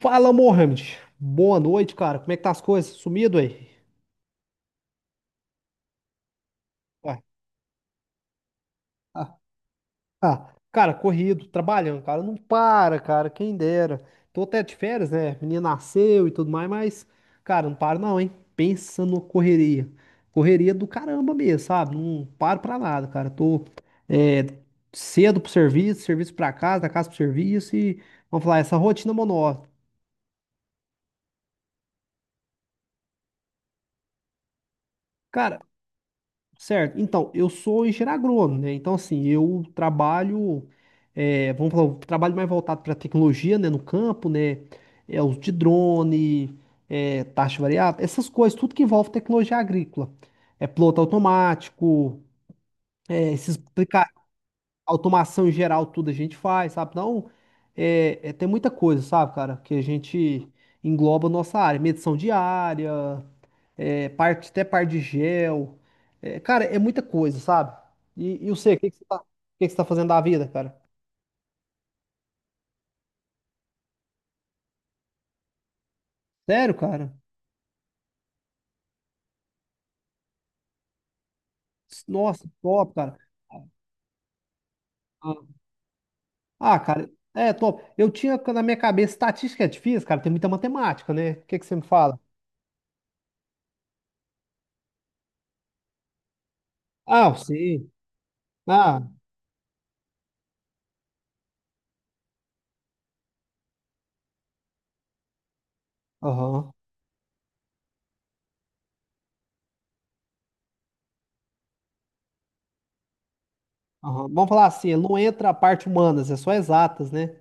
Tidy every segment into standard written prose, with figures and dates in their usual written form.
Fala, Mohamed. Boa noite, cara. Como é que tá as coisas? Sumido aí? Ué. Ah, ah. Cara, corrido, trabalhando, cara. Não para, cara. Quem dera. Tô até de férias, né? Menina nasceu e tudo mais, mas, cara, não para não, hein? Pensa numa correria. Correria do caramba mesmo, sabe? Não paro pra nada, cara. Tô é, cedo pro serviço, serviço pra casa, da casa pro serviço e, vamos falar, essa rotina monótona. Cara, certo. Então, eu sou engenheiro agrônomo, né? Então, assim, eu trabalho, vamos falar, eu trabalho mais voltado para tecnologia, né? No campo, né? É, uso de drone, taxa variável, essas coisas, tudo que envolve tecnologia agrícola. É piloto automático, é esses aplica- automação em geral, tudo a gente faz, sabe? Então, tem muita coisa, sabe, cara, que a gente engloba a nossa área, medição diária parte, até par de gel. É, cara, é muita coisa, sabe? E eu sei, o que que você tá, o que que você tá fazendo da vida, cara? Sério, cara? Nossa, top, cara. Ah, Cara, é top. Eu tinha na minha cabeça estatística é difícil, cara, tem muita matemática, né? O que que você me fala? Ah, sim. Ah, aham, aham. Vamos falar assim, não entra a parte humanas, é só exatas, né?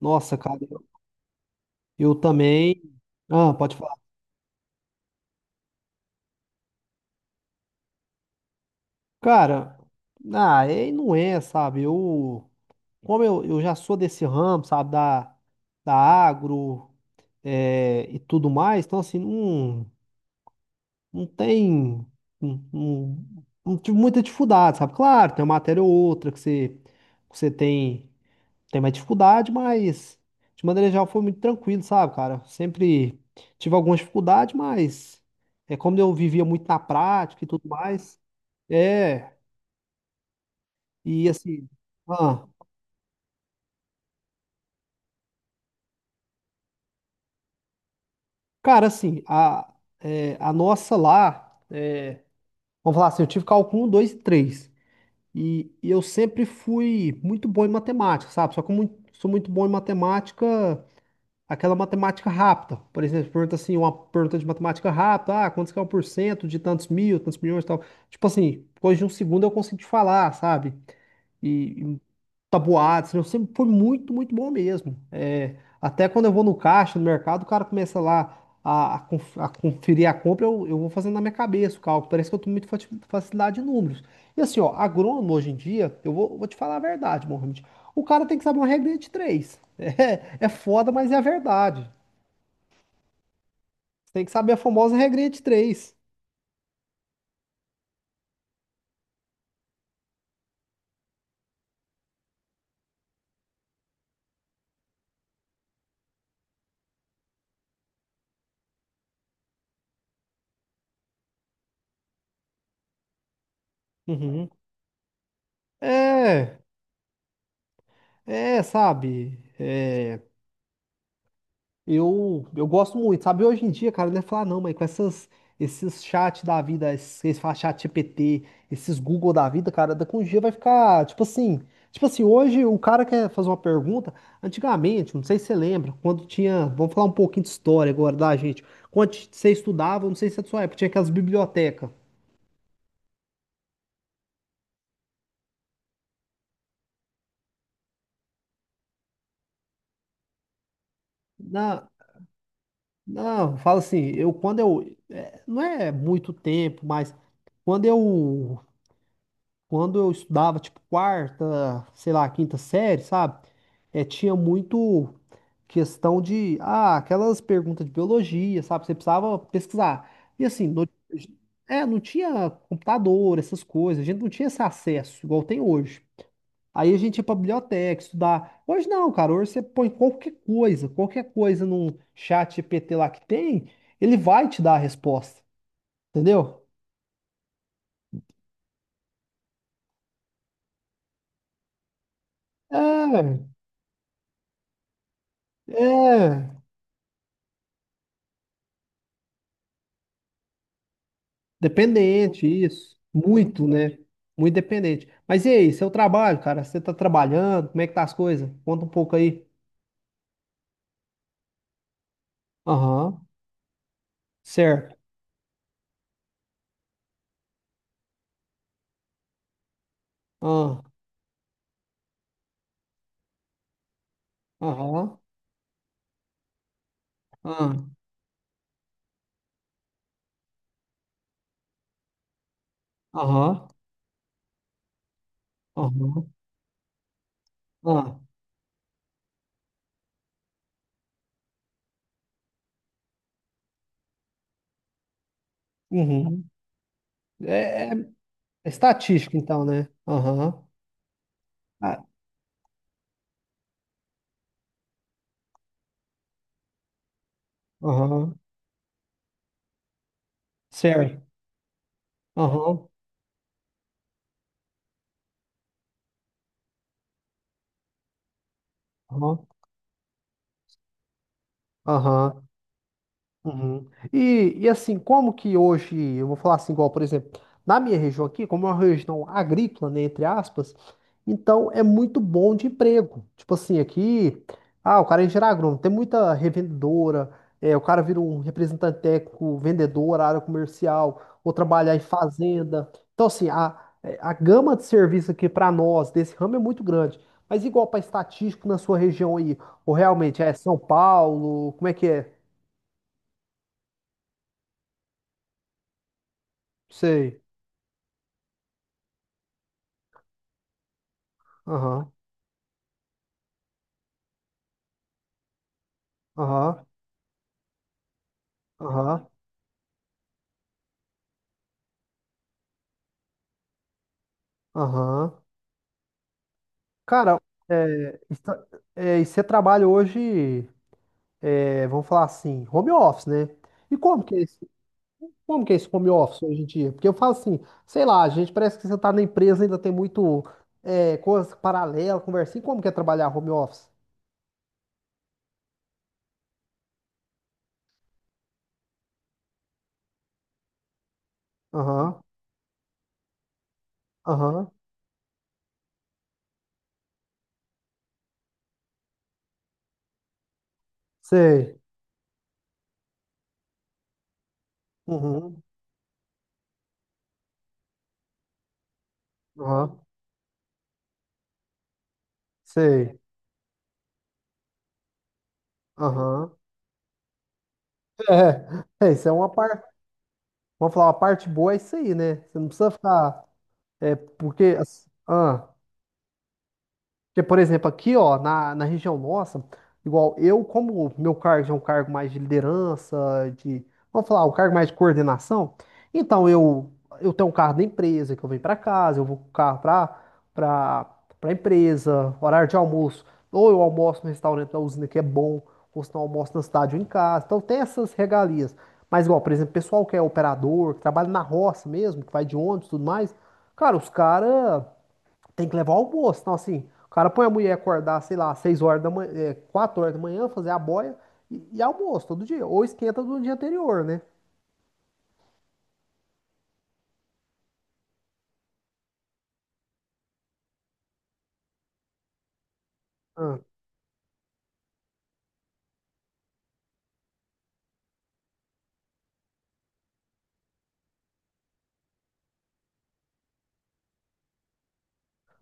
Nossa, cara, eu também. Pode falar. Cara, aí não é, sabe? Eu. Como eu já sou desse ramo, sabe, da agro, e tudo mais, então assim, não tem não, não, não tive muita dificuldade, sabe? Claro, tem uma matéria ou outra que você tem mais dificuldade, mas de maneira geral foi muito tranquilo, sabe, cara? Sempre tive algumas dificuldades, mas é como eu vivia muito na prática e tudo mais, é, e assim. ah, Cara, assim, a nossa lá, vamos falar assim, eu tive cálculo 1, 2 e 3. E eu sempre fui muito bom em matemática, sabe? Só que eu sou muito bom em matemática, aquela matemática rápida. Por exemplo, pergunta assim, uma pergunta de matemática rápida, quantos que é o por cento de tantos mil, tantos milhões e tal. Tipo assim, depois de um segundo eu consigo te falar, sabe? E, tabuados, eu sempre foi muito, muito bom mesmo. É, até quando eu vou no caixa, no mercado, o cara começa lá a conferir a compra, eu vou fazendo na minha cabeça o cálculo. Parece que eu tenho muita facilidade de números. E assim, ó, agrônomo hoje em dia, eu vou te falar a verdade, Mohamed. O cara tem que saber uma regrinha de três. É foda, mas é a verdade. Tem que saber a famosa regrinha de três. Uhum. É, é, sabe? É. Eu gosto muito, sabe? Hoje em dia, cara, não é falar não, mas com esses chat da vida, eles falam chat GPT, esses Google da vida, cara, daqui a um dia vai ficar, tipo assim, hoje o cara quer fazer uma pergunta, antigamente, não sei se você lembra, quando tinha, vamos falar um pouquinho de história agora da gente, quando você estudava, não sei se é da sua época, tinha aquelas bibliotecas, não, não, fala assim, eu quando eu, não é muito tempo, mas quando eu Quando eu estudava, tipo, quarta, sei lá, quinta série, sabe? É, tinha muito questão de, aquelas perguntas de biologia, sabe? Você precisava pesquisar. E assim, não tinha computador, essas coisas, a gente não tinha esse acesso, igual tem hoje. Aí a gente ia pra biblioteca estudar. Hoje não, cara, hoje você põe qualquer coisa num chat GPT lá que tem, ele vai te dar a resposta, entendeu? É, é. Dependente, isso. Muito, né? Muito dependente. Mas e aí, seu trabalho, cara? Você tá trabalhando? Como é que tá as coisas? Conta um pouco aí. Aham, certo. Ah, aham, ah, aham, aham, ah, uhum. É, é- É estatística, então, né? Aham, ah, aham, certo. Aham, aham, aham. Uhum. E assim, como que hoje, eu vou falar assim, igual, por exemplo, na minha região aqui, como é uma região agrícola, né, entre aspas, então é muito bom de emprego. Tipo assim, aqui, o cara é engenheiro agrônomo, tem muita revendedora, o cara vira um representante técnico, vendedor, área comercial, ou trabalhar em fazenda. Então, assim, a gama de serviço aqui para nós, desse ramo, é muito grande. Mas igual para estatístico na sua região aí, ou realmente é São Paulo, como é que é? Sei. Aham, aham, aham, aham. Cara, é, está- e você trabalha hoje, vamos falar assim, home office, né? E como que é esse home office hoje em dia? Porque eu falo assim, sei lá, a gente parece que você tá na empresa ainda tem muito coisa paralela, conversinha. Como que é trabalhar home office? Aham, aham, sei. Uhum, aham, sei. Aham. É, é, isso é uma parte, vamos falar, uma parte boa é isso aí, né? Você não precisa ficar. É porque, as- ah, Porque, por exemplo, aqui, ó, na região nossa, igual eu, como meu cargo já é um cargo mais de liderança, de, vamos falar, um cargo mais de coordenação, então eu tenho um carro da empresa que eu venho para casa, eu vou com o carro para para empresa, horário de almoço, ou eu almoço no restaurante da usina que é bom, ou se não almoço na cidade ou em casa, então tem essas regalias. Mas, igual, por exemplo, pessoal que é operador, que trabalha na roça mesmo, que vai de ônibus e tudo mais, cara, os caras. Tem que levar o almoço. Então, assim, o cara põe a mulher acordar, sei lá, 6 horas da manhã, é, 4 horas da manhã, fazer a boia e almoço todo dia. Ou esquenta do dia anterior, né? Ah,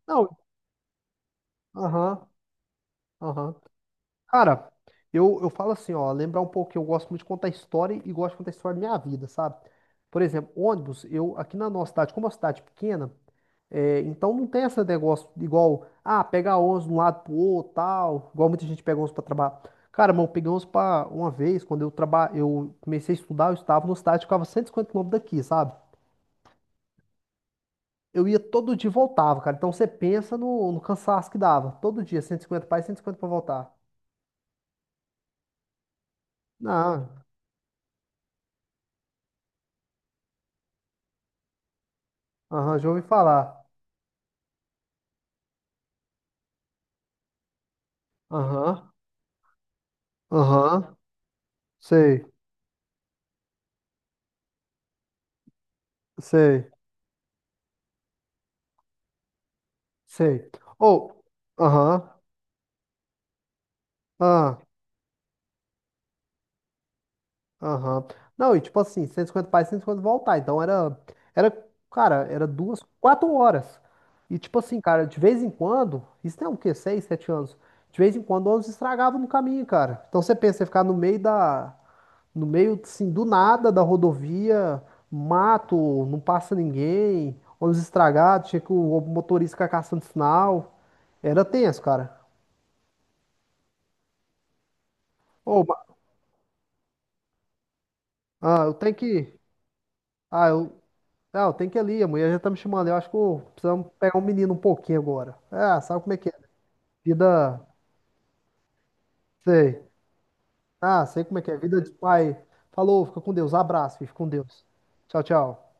Não, aham, aham. Cara, eu falo assim, ó, lembrar um pouco que eu gosto muito de contar história e gosto de contar história da minha vida, sabe? Por exemplo, ônibus, eu aqui na nossa cidade, como é uma cidade pequena, é, então não tem esse negócio de igual, pegar 11 de um lado pro outro, tal, igual muita gente pega 11 pra trabalhar. Cara, mas eu peguei 11 pra uma vez, quando eu comecei a estudar, eu estava no estádio, ficava 150 km daqui, sabe? Eu ia todo dia e voltava, cara. Então você pensa no cansaço que dava. Todo dia, 150 pra ir, 150 pra voltar. Não, aham, já ouvi falar. Aham, aham, sei, sei, sei. Ou, aham, ah Aham. Não, e tipo assim, 150 para e 150 voltar. Então era, cara, era 2, 4 horas. E tipo assim, cara, de vez em quando, isso tem o quê? 6, 7 anos. De vez em quando o ônibus estragava no caminho, cara. Então você pensa, você ficar no meio da, no meio, assim, do nada da rodovia, mato, não passa ninguém, ônibus estragado, tinha que o motorista ficar caçando sinal. Era tenso, cara. Ô, eu tenho que, eu. Não, tem que ir ali. A mulher já tá me chamando. Eu acho que precisamos pegar um menino um pouquinho agora. Sabe como é que é, né? Vida. Sei. Sei como é que é. Vida de pai. Falou, fica com Deus. Abraço, fica com Deus. Tchau, tchau.